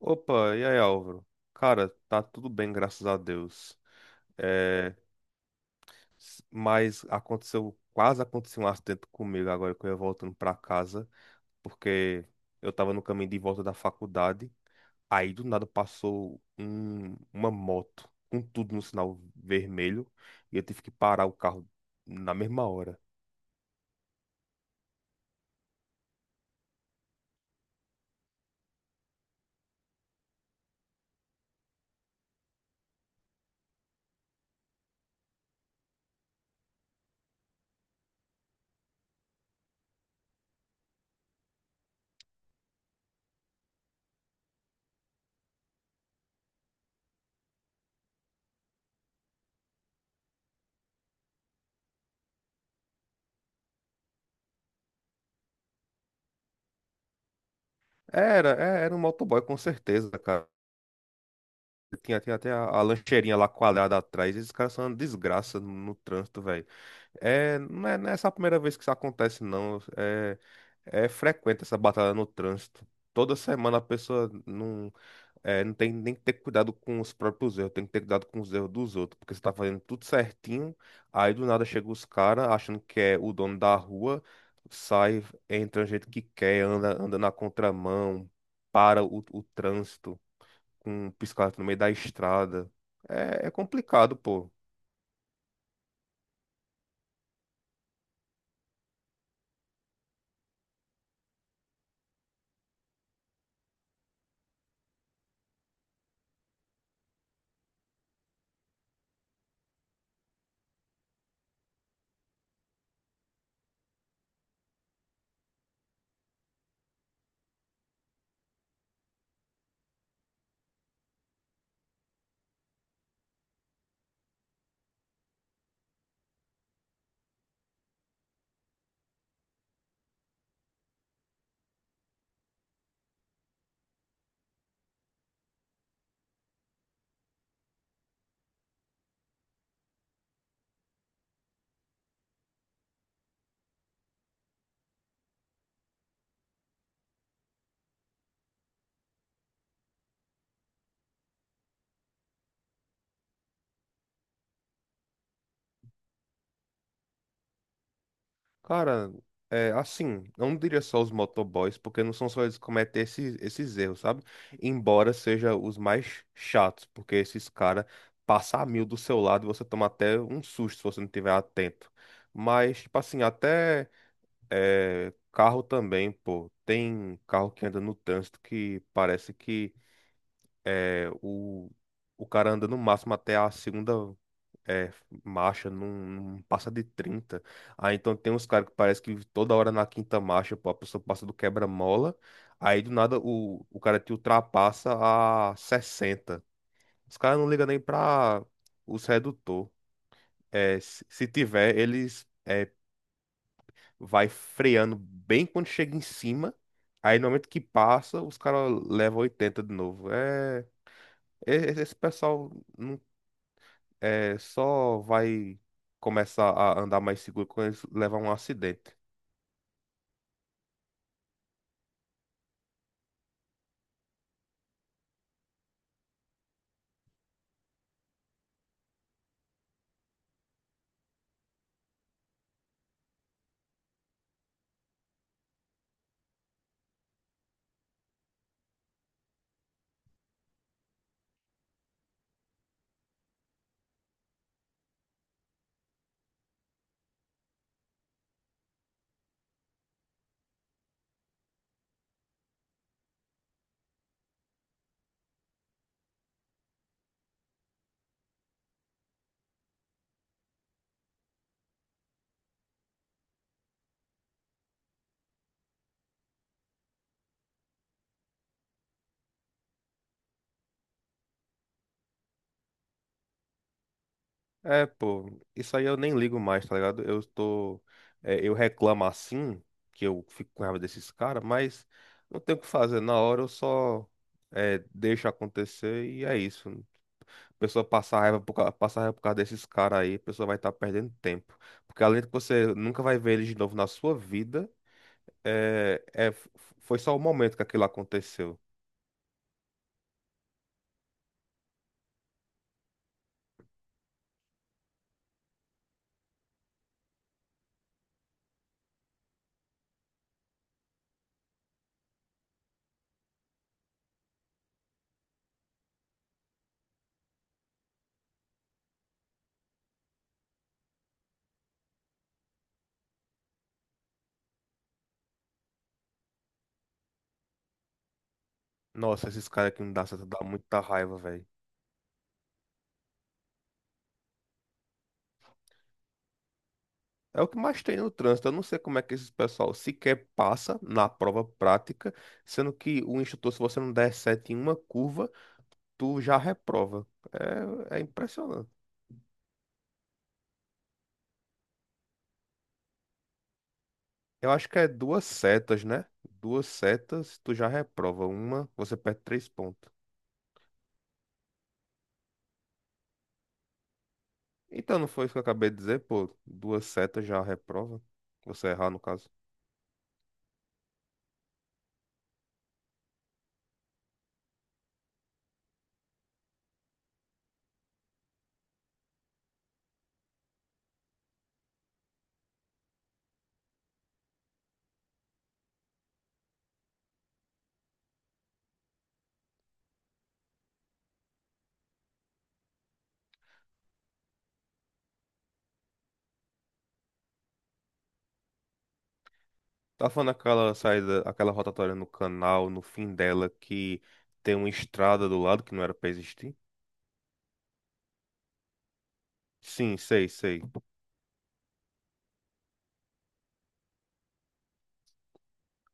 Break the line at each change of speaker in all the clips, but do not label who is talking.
Opa, e aí, Álvaro? Cara, tá tudo bem, graças a Deus. É, mas aconteceu, quase aconteceu um acidente comigo agora que eu ia voltando pra casa, porque eu tava no caminho de volta da faculdade, aí do nada passou uma moto com tudo no sinal vermelho e eu tive que parar o carro na mesma hora. Era, era um motoboy com certeza, cara. Tinha até a lancheirinha lá coalhada atrás, esses caras são uma desgraça no trânsito, velho. É, não é só a primeira vez que isso acontece, não. É frequente essa batalha no trânsito. Toda semana a pessoa não tem nem que ter cuidado com os próprios erros, tem que ter cuidado com os erros dos outros, porque você tá fazendo tudo certinho, aí do nada chega os caras achando que é o dono da rua, sai, entra do jeito que quer, anda, anda na contramão, para o trânsito com um piscar no meio da estrada. É, é complicado, pô. Cara, eu não diria só os motoboys, porque não são só eles que cometem esses erros, sabe? Embora seja os mais chatos, porque esses caras passam a mil do seu lado e você toma até um susto se você não estiver atento. Mas, tipo assim, até carro também, pô. Tem carro que anda no trânsito que parece que é, o, o cara anda no máximo até a segunda. É, marcha não passa de 30. Aí então tem uns caras que parece que toda hora na quinta marcha, pô, a pessoa passa do quebra-mola. Aí do nada o cara te ultrapassa a 60. Os caras não ligam nem pra os redutor. Se tiver, eles vai freando bem quando chega em cima. Aí no momento que passa, os caras levam 80 de novo. Esse pessoal não só vai começar a andar mais seguro quando eles levar um acidente. É, pô, isso aí eu nem ligo mais, tá ligado? Eu reclamo assim, que eu fico com raiva desses caras, mas não tem o que fazer. Na hora eu só deixo acontecer e é isso. A pessoa passar raiva por passar raiva por causa desses caras aí, a pessoa vai estar perdendo tempo. Porque além de que você nunca vai ver eles de novo na sua vida, é, é, f- foi só o momento que aquilo aconteceu. Nossa, esses caras que não dá certo dá muita raiva, velho. É o que mais tem no trânsito. Eu não sei como é que esses pessoal sequer passa na prova prática, sendo que o instrutor, se você não der sete em uma curva, tu já reprova. É, é impressionante. Eu acho que é duas setas, né? Duas setas, tu já reprova. Uma, você perde três pontos. Então, não foi isso que eu acabei de dizer, pô? Duas setas já reprova. Você errar, no caso. Tá falando aquela saída, aquela rotatória no canal, no fim dela, que tem uma estrada do lado que não era pra existir? Sim, sei, sei.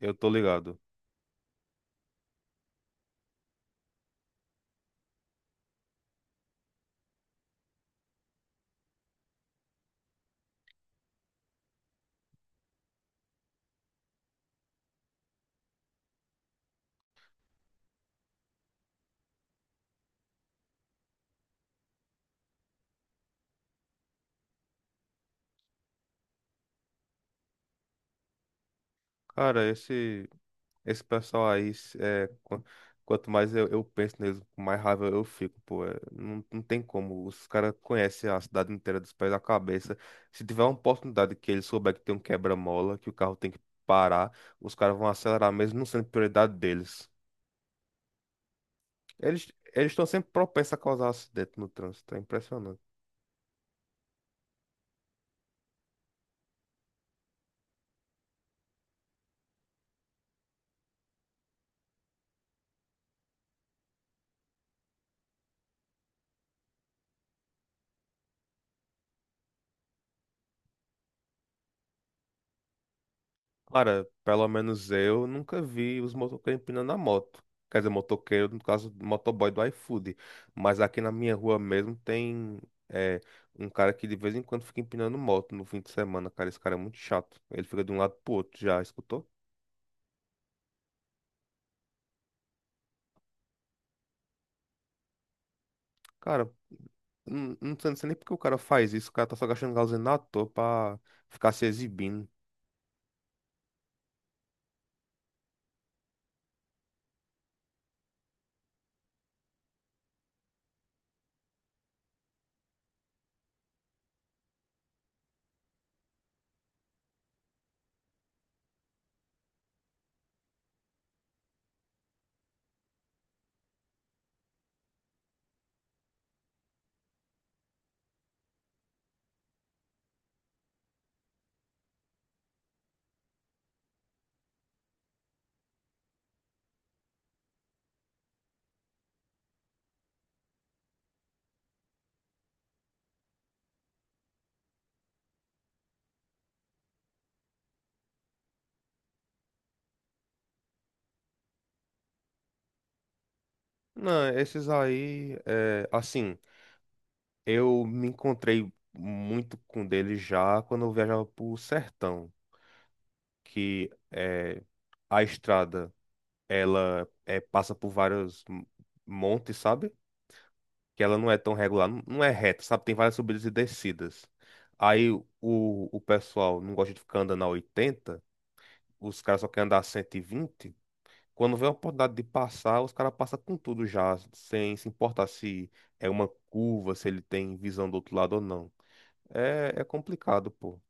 Eu tô ligado. Cara, esse pessoal aí, quanto mais eu penso neles, mais raiva eu fico, pô. É, não, não tem como. Os caras conhecem a cidade inteira dos pés da cabeça. Se tiver uma oportunidade que eles souber que tem um quebra-mola, que o carro tem que parar, os caras vão acelerar mesmo não sendo prioridade deles. Eles eles estão sempre propensos a causar acidente no trânsito, é impressionante. Cara, pelo menos eu nunca vi os motoqueiros empinando a moto. Quer dizer, motoqueiro, no caso, motoboy do iFood. Mas aqui na minha rua mesmo tem é, um cara que de vez em quando fica empinando moto no fim de semana, cara. Esse cara é muito chato. Ele fica de um lado pro outro, já escutou? Cara, não sei nem porque o cara faz isso. O cara tá só gastando gasolina à toa pra ficar se exibindo. Não, esses aí, é, assim. Eu me encontrei muito com dele já quando eu viajava pro sertão, que é, a estrada, ela passa por vários montes, sabe? Que ela não é tão regular, não é reta, sabe? Tem várias subidas e descidas. Aí o pessoal não gosta de ficar andando a 80, os caras só querem andar a 120. Quando vê a oportunidade de passar, os caras passam com tudo já, sem se importar se é uma curva, se ele tem visão do outro lado ou não. É, é complicado, pô.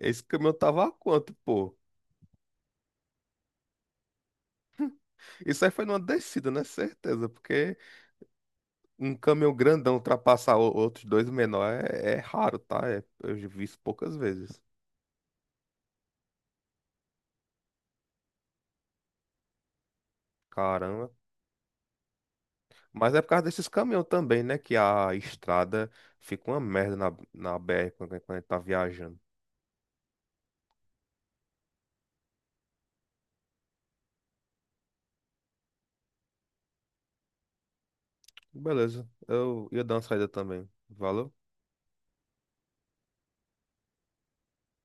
Esse caminhão tava a quanto, pô? Isso aí foi numa descida, né? Certeza, porque um caminhão grandão ultrapassar outros dois menor é raro, tá? Eu já vi isso poucas vezes. Caramba. Mas é por causa desses caminhões também, né? Que a estrada fica uma merda na BR quando, quando a gente tá viajando. Beleza, eu ia dar uma saída também. Valeu?